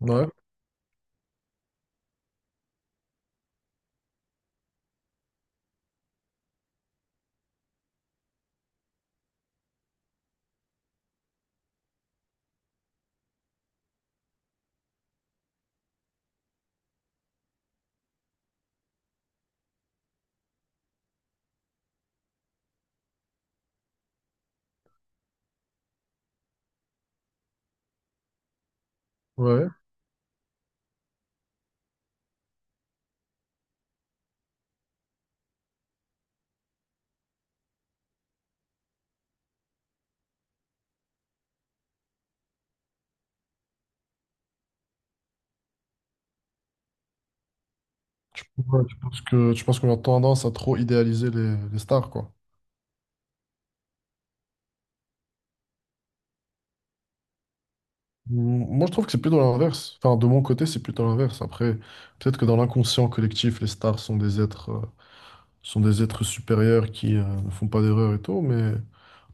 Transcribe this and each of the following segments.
Ouais, ouais. Ouais, tu penses que, je pense qu'on a tendance à trop idéaliser les stars, quoi. Moi, je trouve que c'est plutôt l'inverse. Enfin, de mon côté, c'est plutôt l'inverse. Après, peut-être que dans l'inconscient collectif, les stars sont des êtres supérieurs qui, ne font pas d'erreurs et tout, mais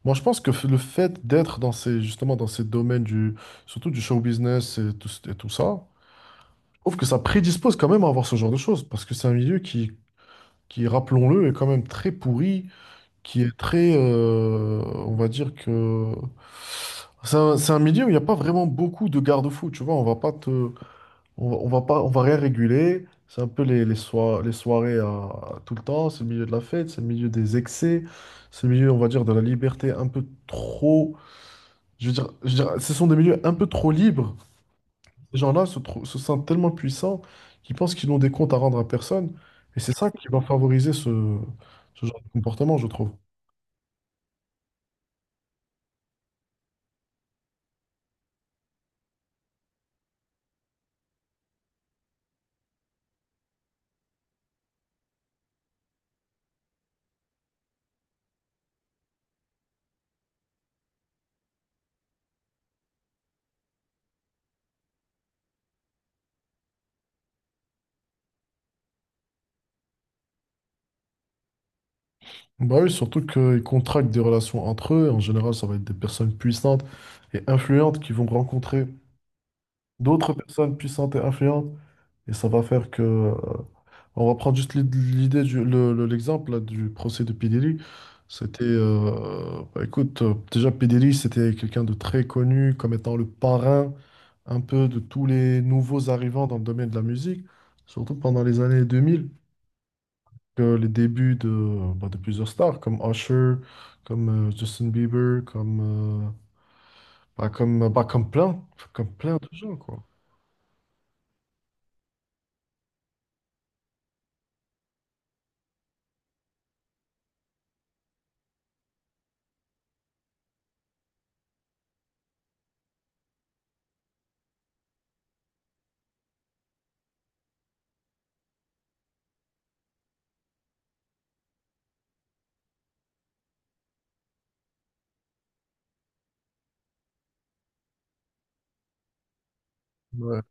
moi, je pense que le fait d'être dans ces, justement, dans ces domaines du, surtout du show business et tout ça, je trouve que ça prédispose quand même à avoir ce genre de choses, parce que c'est un milieu qui, rappelons-le, est quand même très pourri qui est très, on va dire que c'est un milieu où il n'y a pas vraiment beaucoup de garde-fous, tu vois, on va pas te, on va pas, on va rien réguler, c'est un peu les soirées à tout le temps, c'est le milieu de la fête, c'est le milieu des excès, c'est le milieu, on va dire, de la liberté un peu trop, je veux dire, ce sont des milieux un peu trop libres, ces gens-là se sentent tellement puissants qu'ils pensent qu'ils n'ont des comptes à rendre à personne, et c'est ça qui va favoriser ce, ce genre de comportement, je trouve. Bah oui, surtout qu'ils contractent des relations entre eux. En général, ça va être des personnes puissantes et influentes qui vont rencontrer d'autres personnes puissantes et influentes. Et ça va faire que on va prendre juste l'idée du... le- l'exemple là, du procès de P. Diddy. Bah écoute, déjà P. Diddy, c'était quelqu'un de très connu comme étant le parrain un peu de tous les nouveaux arrivants dans le domaine de la musique, surtout pendant les années 2000 que les débuts de, bah, de plusieurs stars comme Usher, comme Justin Bieber, comme, comme, comme plein de gens, quoi. Ouais.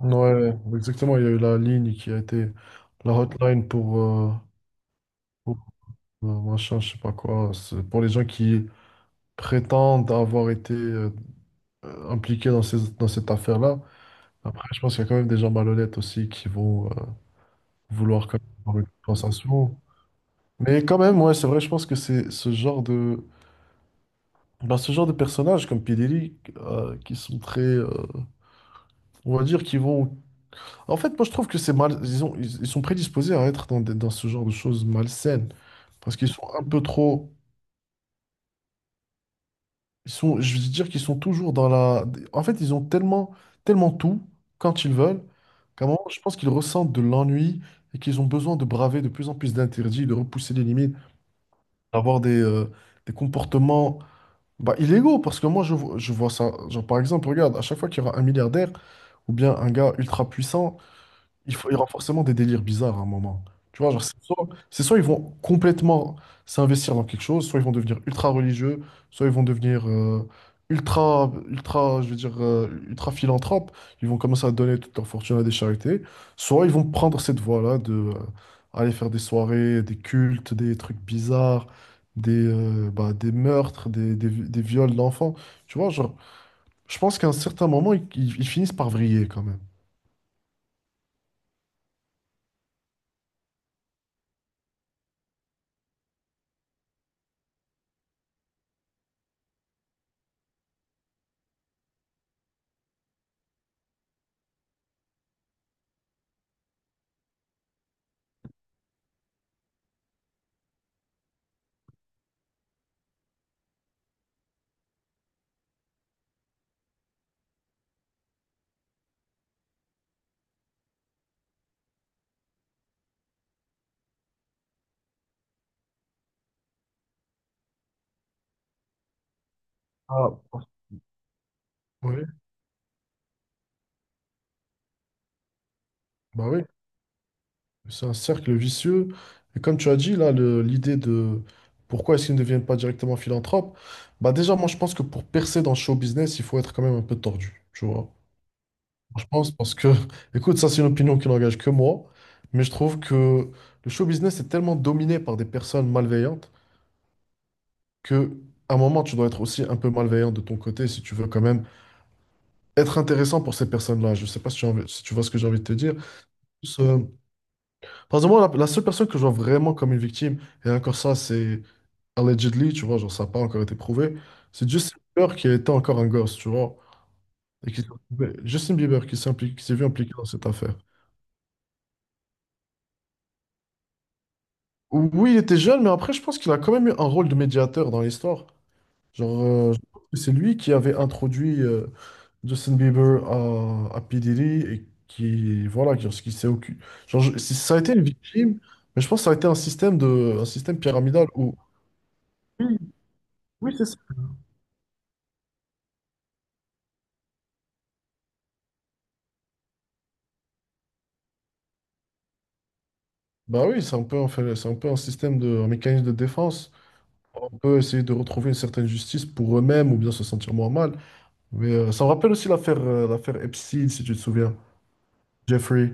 Ouais, exactement. Il y a eu la ligne qui a été la hotline pour, machin, je sais pas quoi. C'est pour les gens qui prétendent avoir été impliqués dans dans cette affaire-là. Après, je pense qu'il y a quand même des gens malhonnêtes aussi qui vont vouloir quand même avoir une compensation. Mais quand même, ouais, c'est vrai, je pense que c'est ce genre de, bah, ce genre de personnages comme Pederi, qui sont très, on va dire, qui vont. En fait, moi, je trouve que c'est mal. Ils, ils sont prédisposés à être dans, dans ce genre de choses malsaines. Parce qu'ils sont un peu trop. Ils sont, je veux dire qu'ils sont toujours dans la. En fait, ils ont tellement, tellement tout quand ils veulent, qu'à un moment, je pense qu'ils ressentent de l'ennui et qu'ils ont besoin de braver de plus en plus d'interdits, de repousser les limites, d'avoir des comportements bah, illégaux, parce que moi, je vois ça. Genre, par exemple, regarde, à chaque fois qu'il y aura un milliardaire ou bien un gars ultra puissant, il faut, il y aura forcément des délires bizarres à un moment. Tu vois, genre, c'est soit ils vont complètement s'investir dans quelque chose, soit ils vont devenir ultra religieux, soit ils vont devenir ultra, ultra, je veux dire, ultra philanthropes. Ils vont commencer à donner toute leur fortune à des charités, soit ils vont prendre cette voie-là de aller faire des soirées, des cultes, des trucs bizarres, des, des meurtres, des viols d'enfants. Tu vois, genre, je pense qu'à un certain moment, ils finissent par vriller quand même. Ah, oui, bah oui. C'est un cercle vicieux. Et comme tu as dit, là, l'idée de pourquoi est-ce qu'ils ne deviennent pas directement philanthropes, bah déjà, moi, je pense que pour percer dans le show business, il faut être quand même un peu tordu, tu vois. Je pense parce que, écoute, ça, c'est une opinion qui n'engage que moi, mais je trouve que le show business est tellement dominé par des personnes malveillantes que, à un moment, tu dois être aussi un peu malveillant de ton côté si tu veux quand même être intéressant pour ces personnes-là. Je sais pas si si tu vois ce que j'ai envie de te dire. Plus, par exemple, moi, la seule personne que je vois vraiment comme une victime, et encore ça, c'est allegedly, tu vois, genre ça n'a pas encore été prouvé. C'est Justin Bieber qui était encore un gosse, tu vois, et qui Justin Bieber qui s'est impliqué, qui s'est vu impliqué dans cette affaire. Oui, il était jeune, mais après, je pense qu'il a quand même eu un rôle de médiateur dans l'histoire. Genre, je pense que c'est lui qui avait introduit Justin Bieber à P. Diddy et qui, voilà, genre, ce qui s'est occupé. Genre, ça a été une victime, mais je pense que ça a été un système de, un système pyramidal où. Oui, oui, c'est ça. Bah oui, c'est un peu, en fait, c'est un peu un système de, un mécanisme de défense. On peut essayer de retrouver une certaine justice pour eux-mêmes ou bien se sentir moins mal. Mais ça me rappelle aussi l'affaire l'affaire Epstein, si tu te souviens. Jeffrey.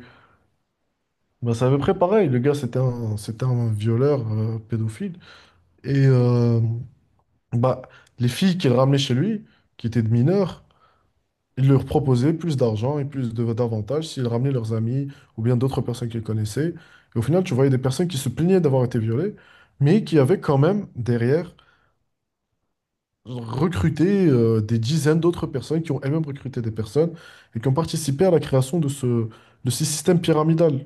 Ben, c'est à peu près pareil. Le gars, c'était un violeur pédophile. Et bah, les filles qu'il ramenait chez lui, qui étaient de mineurs, il leur proposait plus d'argent et plus d'avantages s'il ramenait leurs amis ou bien d'autres personnes qu'il connaissait. Et au final, tu voyais des personnes qui se plaignaient d'avoir été violées, mais qui avaient quand même derrière recruter des dizaines d'autres personnes qui ont elles-mêmes recruté des personnes et qui ont participé à la création de ce système pyramidal.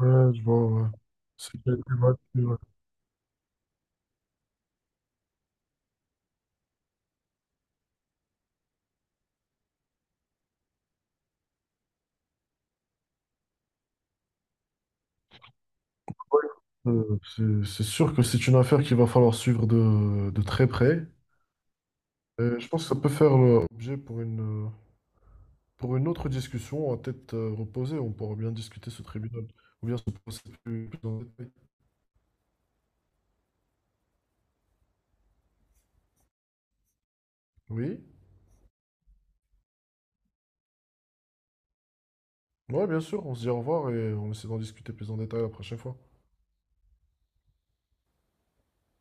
Ouais, je vois, ouais. C'est qui a ouais. C'est sûr que c'est une affaire qu'il va falloir suivre de très près. Et je pense que ça peut faire objet pour une autre discussion à tête reposée. On pourra bien discuter ce tribunal ou bien ce procès plus, plus en détail. Oui, ouais, bien sûr, on se dit au revoir et on essaie d'en discuter plus en détail la prochaine fois.